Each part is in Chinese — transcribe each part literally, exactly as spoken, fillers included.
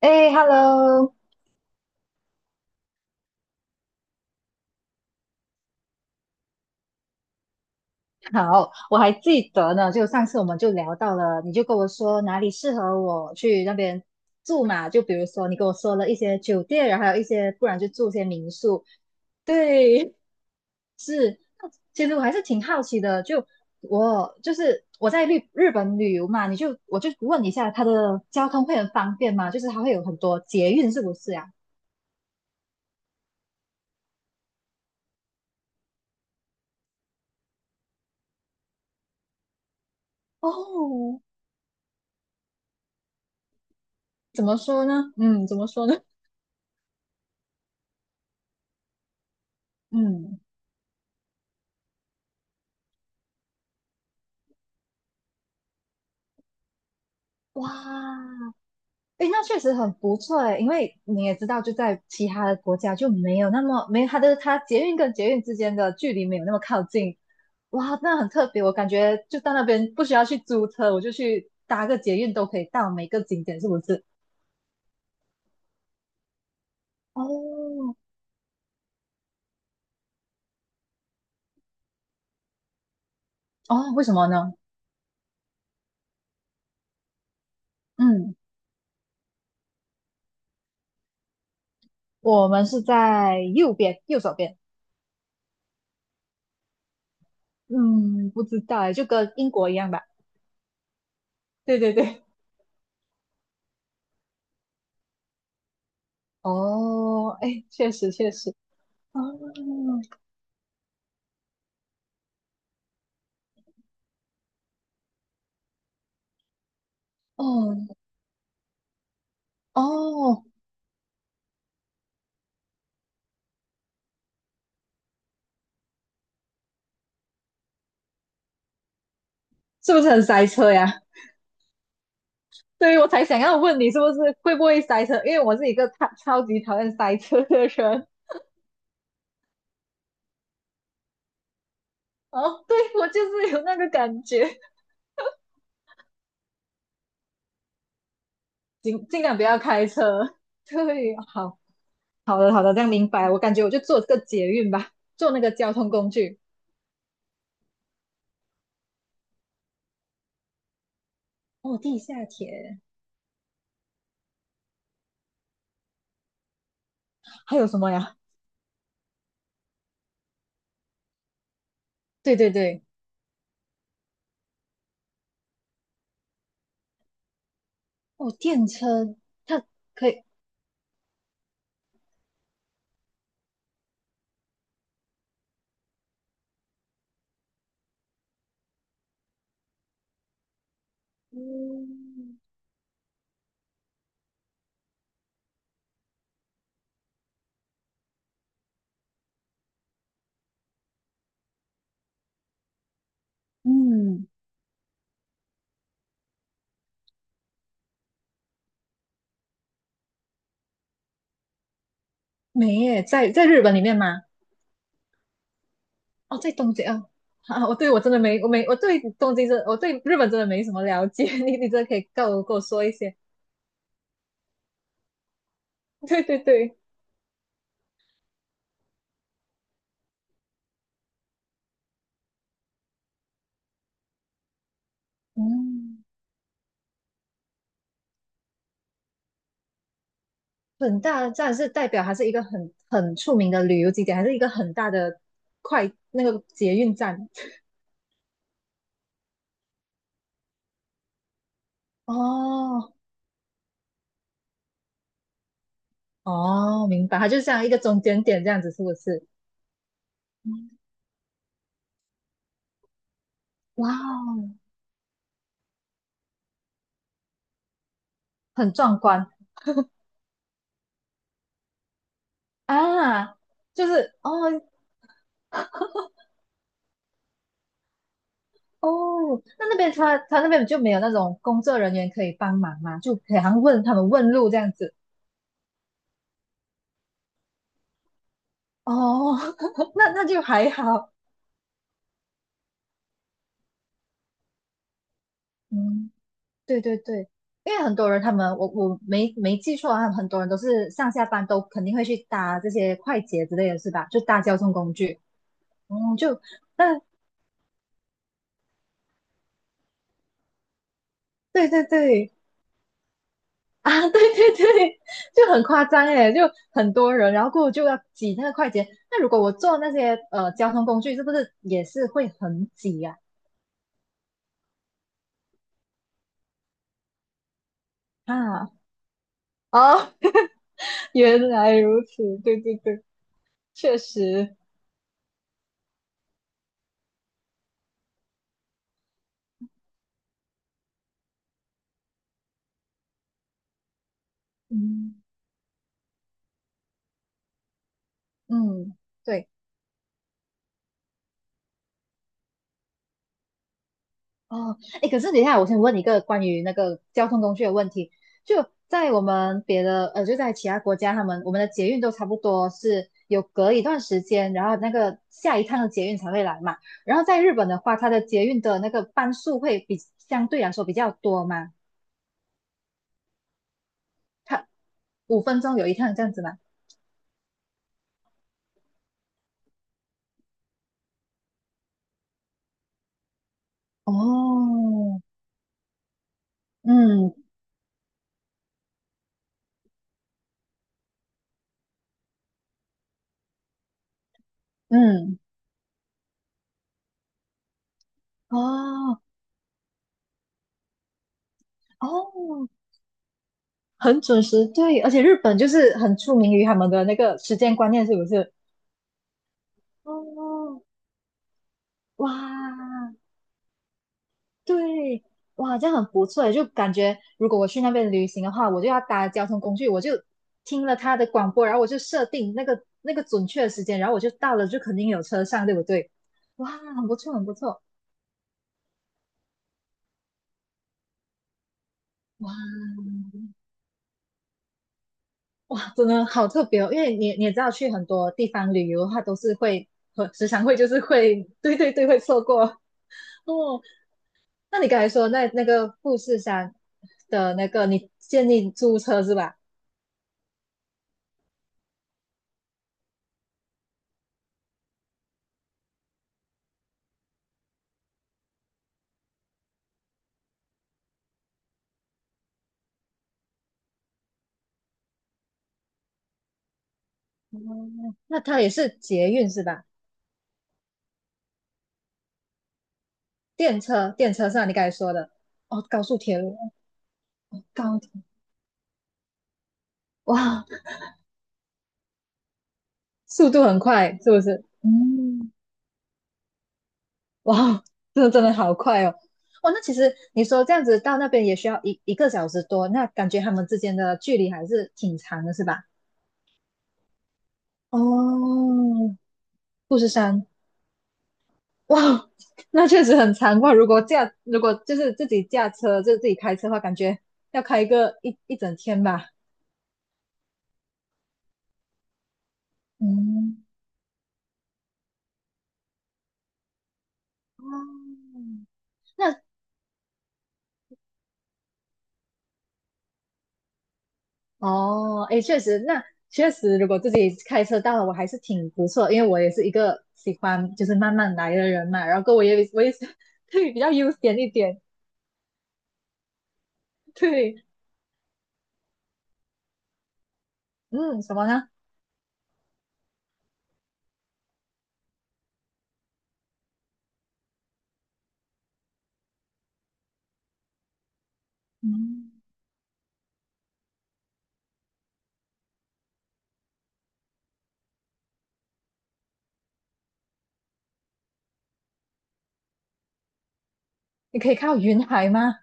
哎，Hello。好，我还记得呢，就上次我们就聊到了，你就跟我说哪里适合我去那边住嘛，就比如说你跟我说了一些酒店，然后还有一些，不然就住些民宿。对，其实我还是挺好奇的，就我就是我在日日本旅游嘛，你就我就问一下，它的交通会很方便吗？就是它会有很多捷运，是不是啊？哦，怎么说呢？嗯，怎么说呢？嗯，哇，诶，那确实很不错诶，因为你也知道，就在其他的国家就没有那么没有它的它捷运跟捷运之间的距离没有那么靠近。哇，那很特别。我感觉就到那边不需要去租车，我就去搭个捷运都可以到每个景点，是不是？哦哦，为什么呢？嗯，我们是在右边，右手边。嗯，不知道诶，就跟英国一样吧。对对对。哦，哎，确实确实。哦哦哦，是不是很塞车呀？对，以我才想要问你，是不是会不会塞车？因为我是一个超超级讨厌塞车的人。哦，对，我就是有那个感觉，尽尽量不要开车。对，好，好的，好的，这样明白了。我感觉我就坐这个捷运吧，坐那个交通工具。哦，地下铁，还有什么呀？对对对，哦，电车，它可以。嗯嗯，没耶，在在日本里面吗？哦，在东京啊。啊，我对我真的没，我没，我对东京真，我对日本真的没什么了解。你你真的可以告我跟我说一些。对对对。嗯，很大的站是代表它是一个很很出名的旅游景点，还是一个很大的快那个捷运站？哦哦，明白，它就像一个中间点这样子，是不是？嗯，哇哦，很壮观。啊，就是哦，哦，那那边他他那边就没有那种工作人员可以帮忙嘛，就可以好像问他们问路这样子。哦，那那就还好。嗯，对对对，因为很多人他们我我没没记错他们很多人都是上下班都肯定会去搭这些快捷之类的是吧？就搭交通工具。嗯，就那对对对，啊，对对对，就很夸张诶，就很多人，然后过后就要挤那个快捷。那如果我坐那些呃交通工具，是不是也是会很挤呀、啊？啊，哦，原来如此，对对对，确实。嗯嗯，对。哦，哎，可是等一下，我先问你一个关于那个交通工具的问题。就在我们别的，呃，就在其他国家，他们我们的捷运都差不多是有隔一段时间，然后那个下一趟的捷运才会来嘛。然后在日本的话，它的捷运的那个班数会比相对来说比较多嘛，它五分钟有一趟这样子嘛。哦，嗯嗯，哦哦，很准时，对，而且日本就是很出名于他们的那个时间观念，是不是？哦，哇，对，哇，这样很不错诶，就感觉如果我去那边旅行的话，我就要搭交通工具，我就听了他的广播，然后我就设定那个那个准确的时间，然后我就到了，就肯定有车上，对不对？哇，很不错，很不错。哇哇，真的好特别哦，因为你你也知道，去很多地方旅游的话，都是会和时常会就是会，对对对，会错过。 哦。那你刚才说那那个富士山的那个，你建议租车是吧？哦，那它也是捷运是吧？电车，电车上你刚才说的。哦，高速铁路，哦，高铁。哇，速度很快，是不是？嗯，哇哦，真的真的好快哦。哇，那其实你说这样子到那边也需要一一个小时多，那感觉他们之间的距离还是挺长的，是吧？哦，富士山，哇哦。那确实很长哇。如果驾，如果就是自己驾车，就是自己开车的话，感觉要开个一一整天吧。嗯。嗯，那哦，诶，确实，那确实，如果自己开车到了，我还是挺不错，因为我也是一个喜欢就是慢慢来的人嘛，然后我也我也是。 对比较悠闲一点。对。嗯，什么呢？嗯，你可以看到云海吗？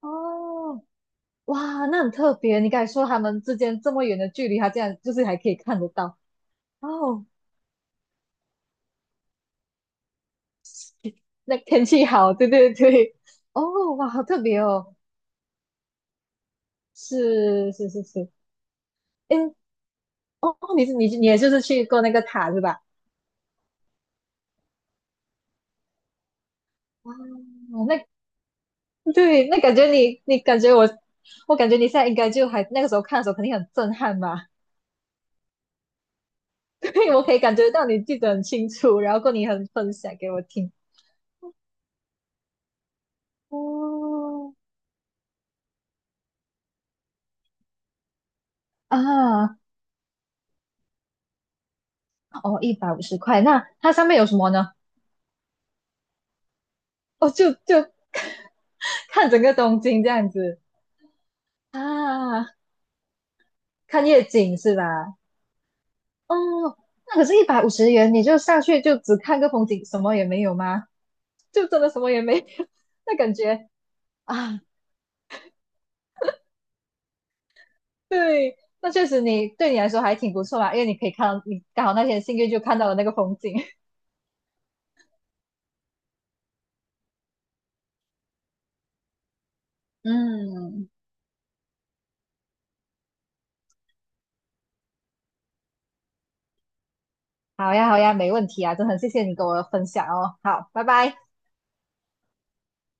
哦，哇，那很特别，你刚才说他们之间这么远的距离，他这样就是还可以看得到。哦，那天气好，对对对。哦，哇，好特别哦。是是是是，诶。哦，你是你你也就是去过那个塔是吧？哦，那对，那感觉你你感觉我，我感觉你现在应该就还那个时候看的时候肯定很震撼吧？对，我可以感觉到你记得很清楚，然后过你很分享给我听。哦啊，哦，一百五十块，那它上面有什么呢？哦，就就 看整个东京这样子。啊，看夜景是吧？哦，那可是一百五十元，你就上去就只看个风景，什么也没有吗？就真的什么也没有。那感觉啊，对，那确实你对你来说还挺不错嘛，因为你可以看到你刚好那天幸运就看到了那个风景。嗯，好呀，好呀，没问题啊，真的很谢谢你跟我分享哦。好，拜拜。